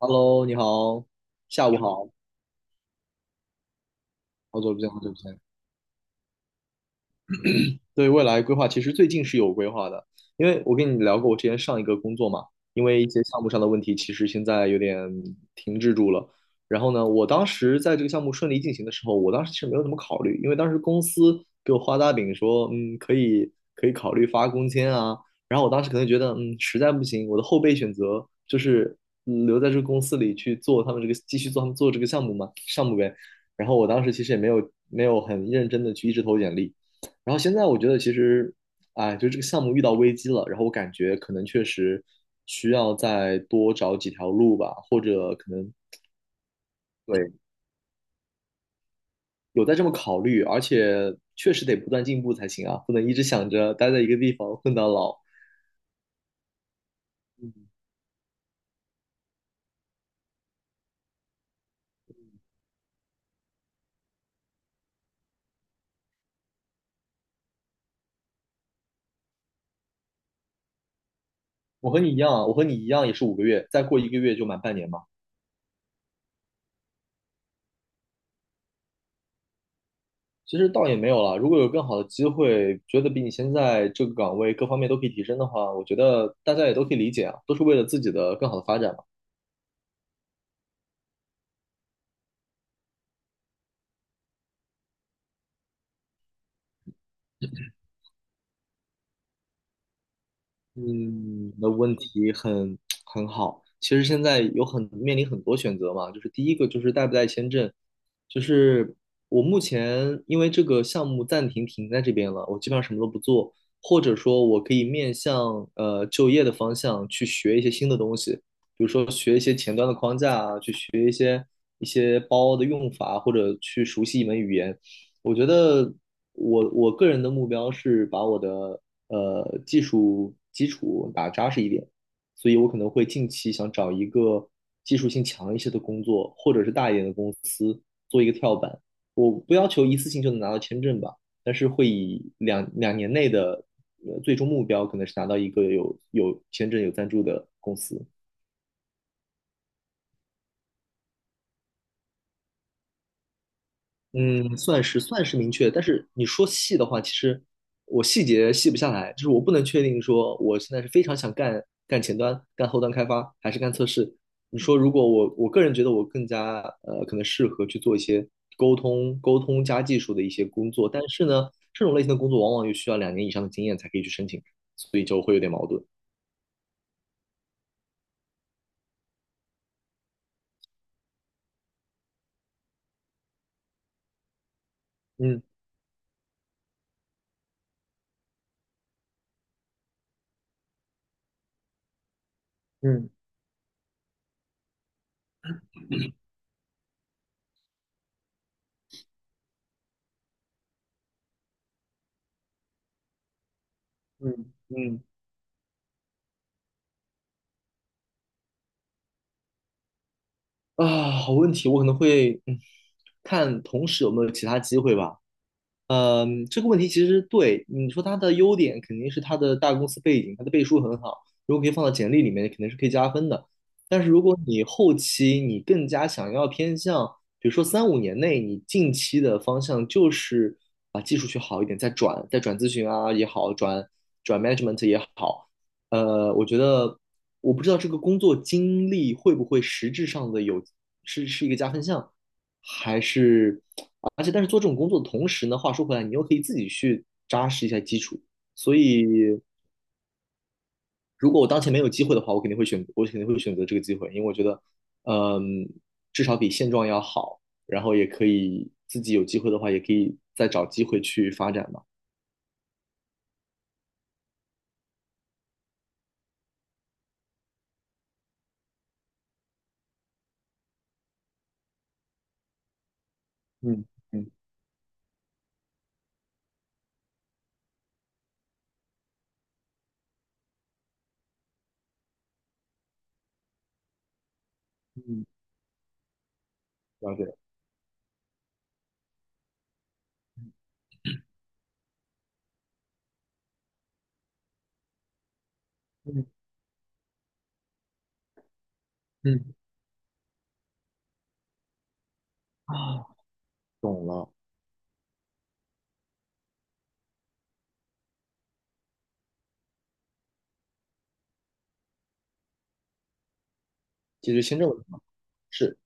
Hello，你好，下午好，好久不见，好久不见。对未来规划，其实最近是有规划的，因为我跟你聊过我之前上一个工作嘛，因为一些项目上的问题，其实现在有点停滞住了。然后呢，我当时在这个项目顺利进行的时候，我当时其实没有怎么考虑，因为当时公司给我画大饼说，可以考虑发工签啊。然后我当时可能觉得，实在不行，我的后备选择就是留在这个公司里去做他们这个继续做他们做这个项目嘛，项目呗。然后我当时其实也没有很认真的去一直投简历。然后现在我觉得其实，哎，就这个项目遇到危机了，然后我感觉可能确实需要再多找几条路吧，或者可能，对，有在这么考虑，而且确实得不断进步才行啊，不能一直想着待在一个地方混到老。嗯，我和你一样啊，我和你一样也是五个月，再过一个月就满半年嘛。其实倒也没有了，如果有更好的机会，觉得比你现在这个岗位各方面都可以提升的话，我觉得大家也都可以理解啊，都是为了自己的更好的发展嘛。嗯，那问题很 很好。其实现在有很面临很多选择嘛，就是第一个就是带不带签证，就是我目前因为这个项目暂停停在这边了，我基本上什么都不做，或者说我可以面向就业的方向去学一些新的东西，比如说学一些前端的框架啊，去学一些包的用法，或者去熟悉一门语言。我觉得。我个人的目标是把我的技术基础打扎实一点，所以我可能会近期想找一个技术性强一些的工作，或者是大一点的公司做一个跳板。我不要求一次性就能拿到签证吧，但是会以两年内的最终目标可能是拿到一个有签证有赞助的公司。嗯，算是算是明确，但是你说细的话，其实我细节细不下来，就是我不能确定说我现在是非常想干前端、干后端开发，还是干测试。你说如果我个人觉得我更加可能适合去做一些沟通加技术的一些工作，但是呢，这种类型的工作往往又需要两年以上的经验才可以去申请，所以就会有点矛盾。嗯嗯，嗯嗯，啊，好问题，我可能会看同时有没有其他机会吧。呃，这个问题其实对你说它的优点肯定是它的大公司背景，它的背书很好，如果可以放到简历里面，肯定是可以加分的。但是如果你后期你更加想要偏向，比如说三五年内，你近期的方向就是把技术学好一点，再转咨询啊也好，转 management 也好，我觉得我不知道这个工作经历会不会实质上的有是一个加分项，还是，而且但是做这种工作的同时呢，话说回来，你又可以自己去扎实一下基础。所以，如果我当前没有机会的话，我肯定会选择这个机会，因为我觉得，嗯，至少比现状要好，然后也可以自己有机会的话，也可以再找机会去发展嘛。嗯嗯，嗯，了解，嗯嗯，啊，懂了，解决签证问题嘛，是。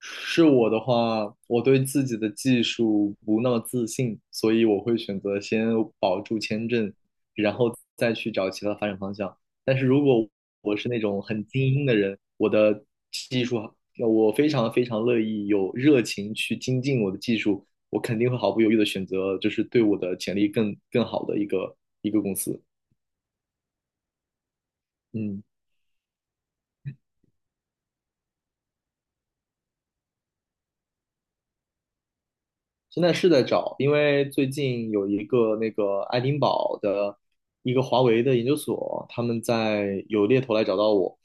是我的话，我对自己的技术不那么自信，所以我会选择先保住签证，然后再去找其他发展方向。但是如果我是那种很精英的人，我的技术，我非常非常乐意有热情去精进我的技术，我肯定会毫不犹豫的选择，就是对我的潜力更好的一个公司。嗯。现在是在找，因为最近有一个那个爱丁堡的一个华为的研究所，他们在有猎头来找到我，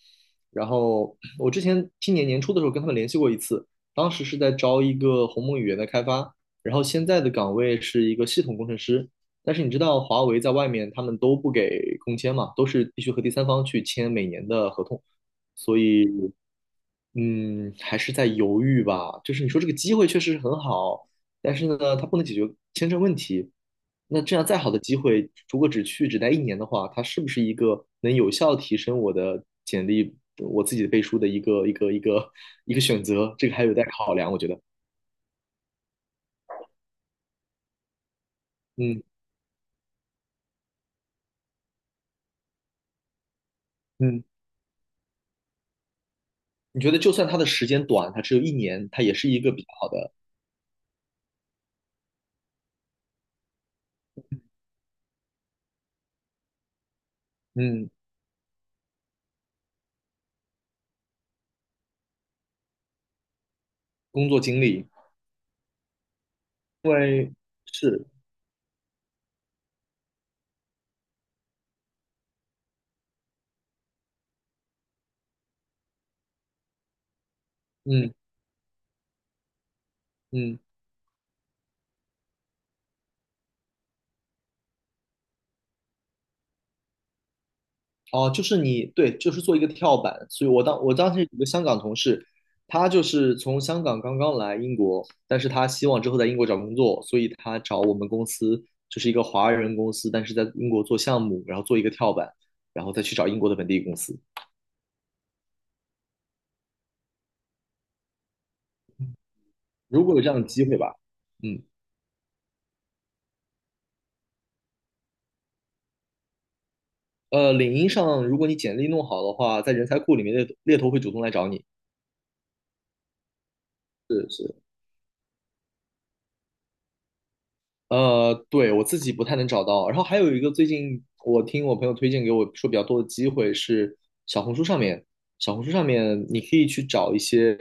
然后我之前今年年初的时候跟他们联系过一次，当时是在招一个鸿蒙语言的开发，然后现在的岗位是一个系统工程师，但是你知道华为在外面他们都不给工签嘛，都是必须和第三方去签每年的合同，所以。还是在犹豫吧。就是你说这个机会确实是很好，但是呢，它不能解决签证问题。那这样再好的机会，如果只待一年的话，它是不是一个能有效提升我的简历、我自己的背书的一个选择？这个还有待考量，我觉得。嗯嗯，你觉得就算它的时间短，它只有一年，它也是一个比较好的嗯工作经历，因为是嗯嗯。哦，就是你，对，就是做一个跳板。所以我当时有个香港同事，他就是从香港刚刚来英国，但是他希望之后在英国找工作，所以他找我们公司，就是一个华人公司，但是在英国做项目，然后做一个跳板，然后再去找英国的本地公司。如果有这样的机会吧，嗯，领英上如果你简历弄好的话，在人才库里面猎头会主动来找你。是是，对，我自己不太能找到。然后还有一个，最近我听我朋友推荐给我说比较多的机会是小红书上面，小红书上面你可以去找一些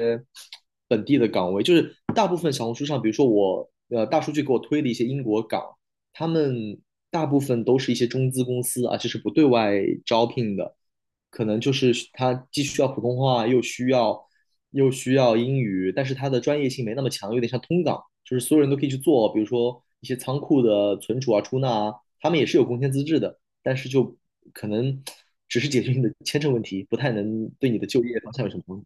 本地的岗位，就是大部分小红书上，比如说我大数据给我推的一些英国岗，他们大部分都是一些中资公司，啊，就是不对外招聘的，可能就是他既需要普通话，又需要英语，但是它的专业性没那么强，有点像通岗，就是所有人都可以去做，比如说一些仓库的存储啊、出纳啊，他们也是有工签资质的，但是就可能只是解决你的签证问题，不太能对你的就业方向有什么帮助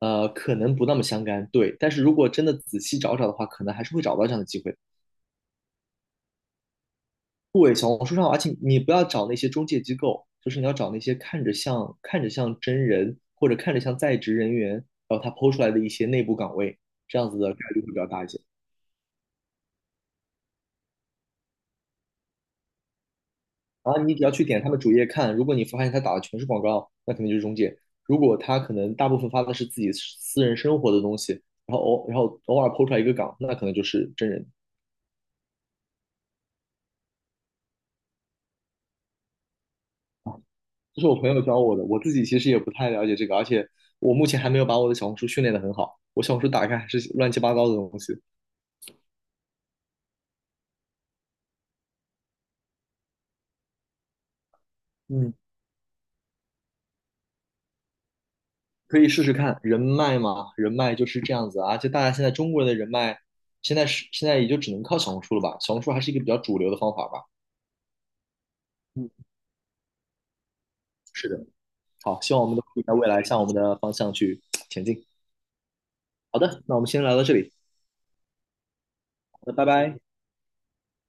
可能不那么相干，对。但是如果真的仔细找找的话，可能还是会找到这样的机会，对，小红书上，而且你不要找那些中介机构，就是你要找那些看着像真人或者看着像在职人员，然后他 PO 出来的一些内部岗位，这样子的概率会比较大一些。然后你只要去点他们主页看，如果你发现他打的全是广告，那肯定就是中介；如果他可能大部分发的是自己私人生活的东西，然后偶尔 PO 出来一个岗，那可能就是真人。这是我朋友教我的，我自己其实也不太了解这个，而且我目前还没有把我的小红书训练得很好，我小红书打开还是乱七八糟的东西。嗯，可以试试看人脉嘛，人脉就是这样子啊。就大家现在中国人的人脉，现在也就只能靠小红书了吧？小红书还是一个比较主流的方法吧。嗯，是的，好，希望我们都可以在未来向我们的方向去前进。好的，那我们先聊到这里，好的，拜拜。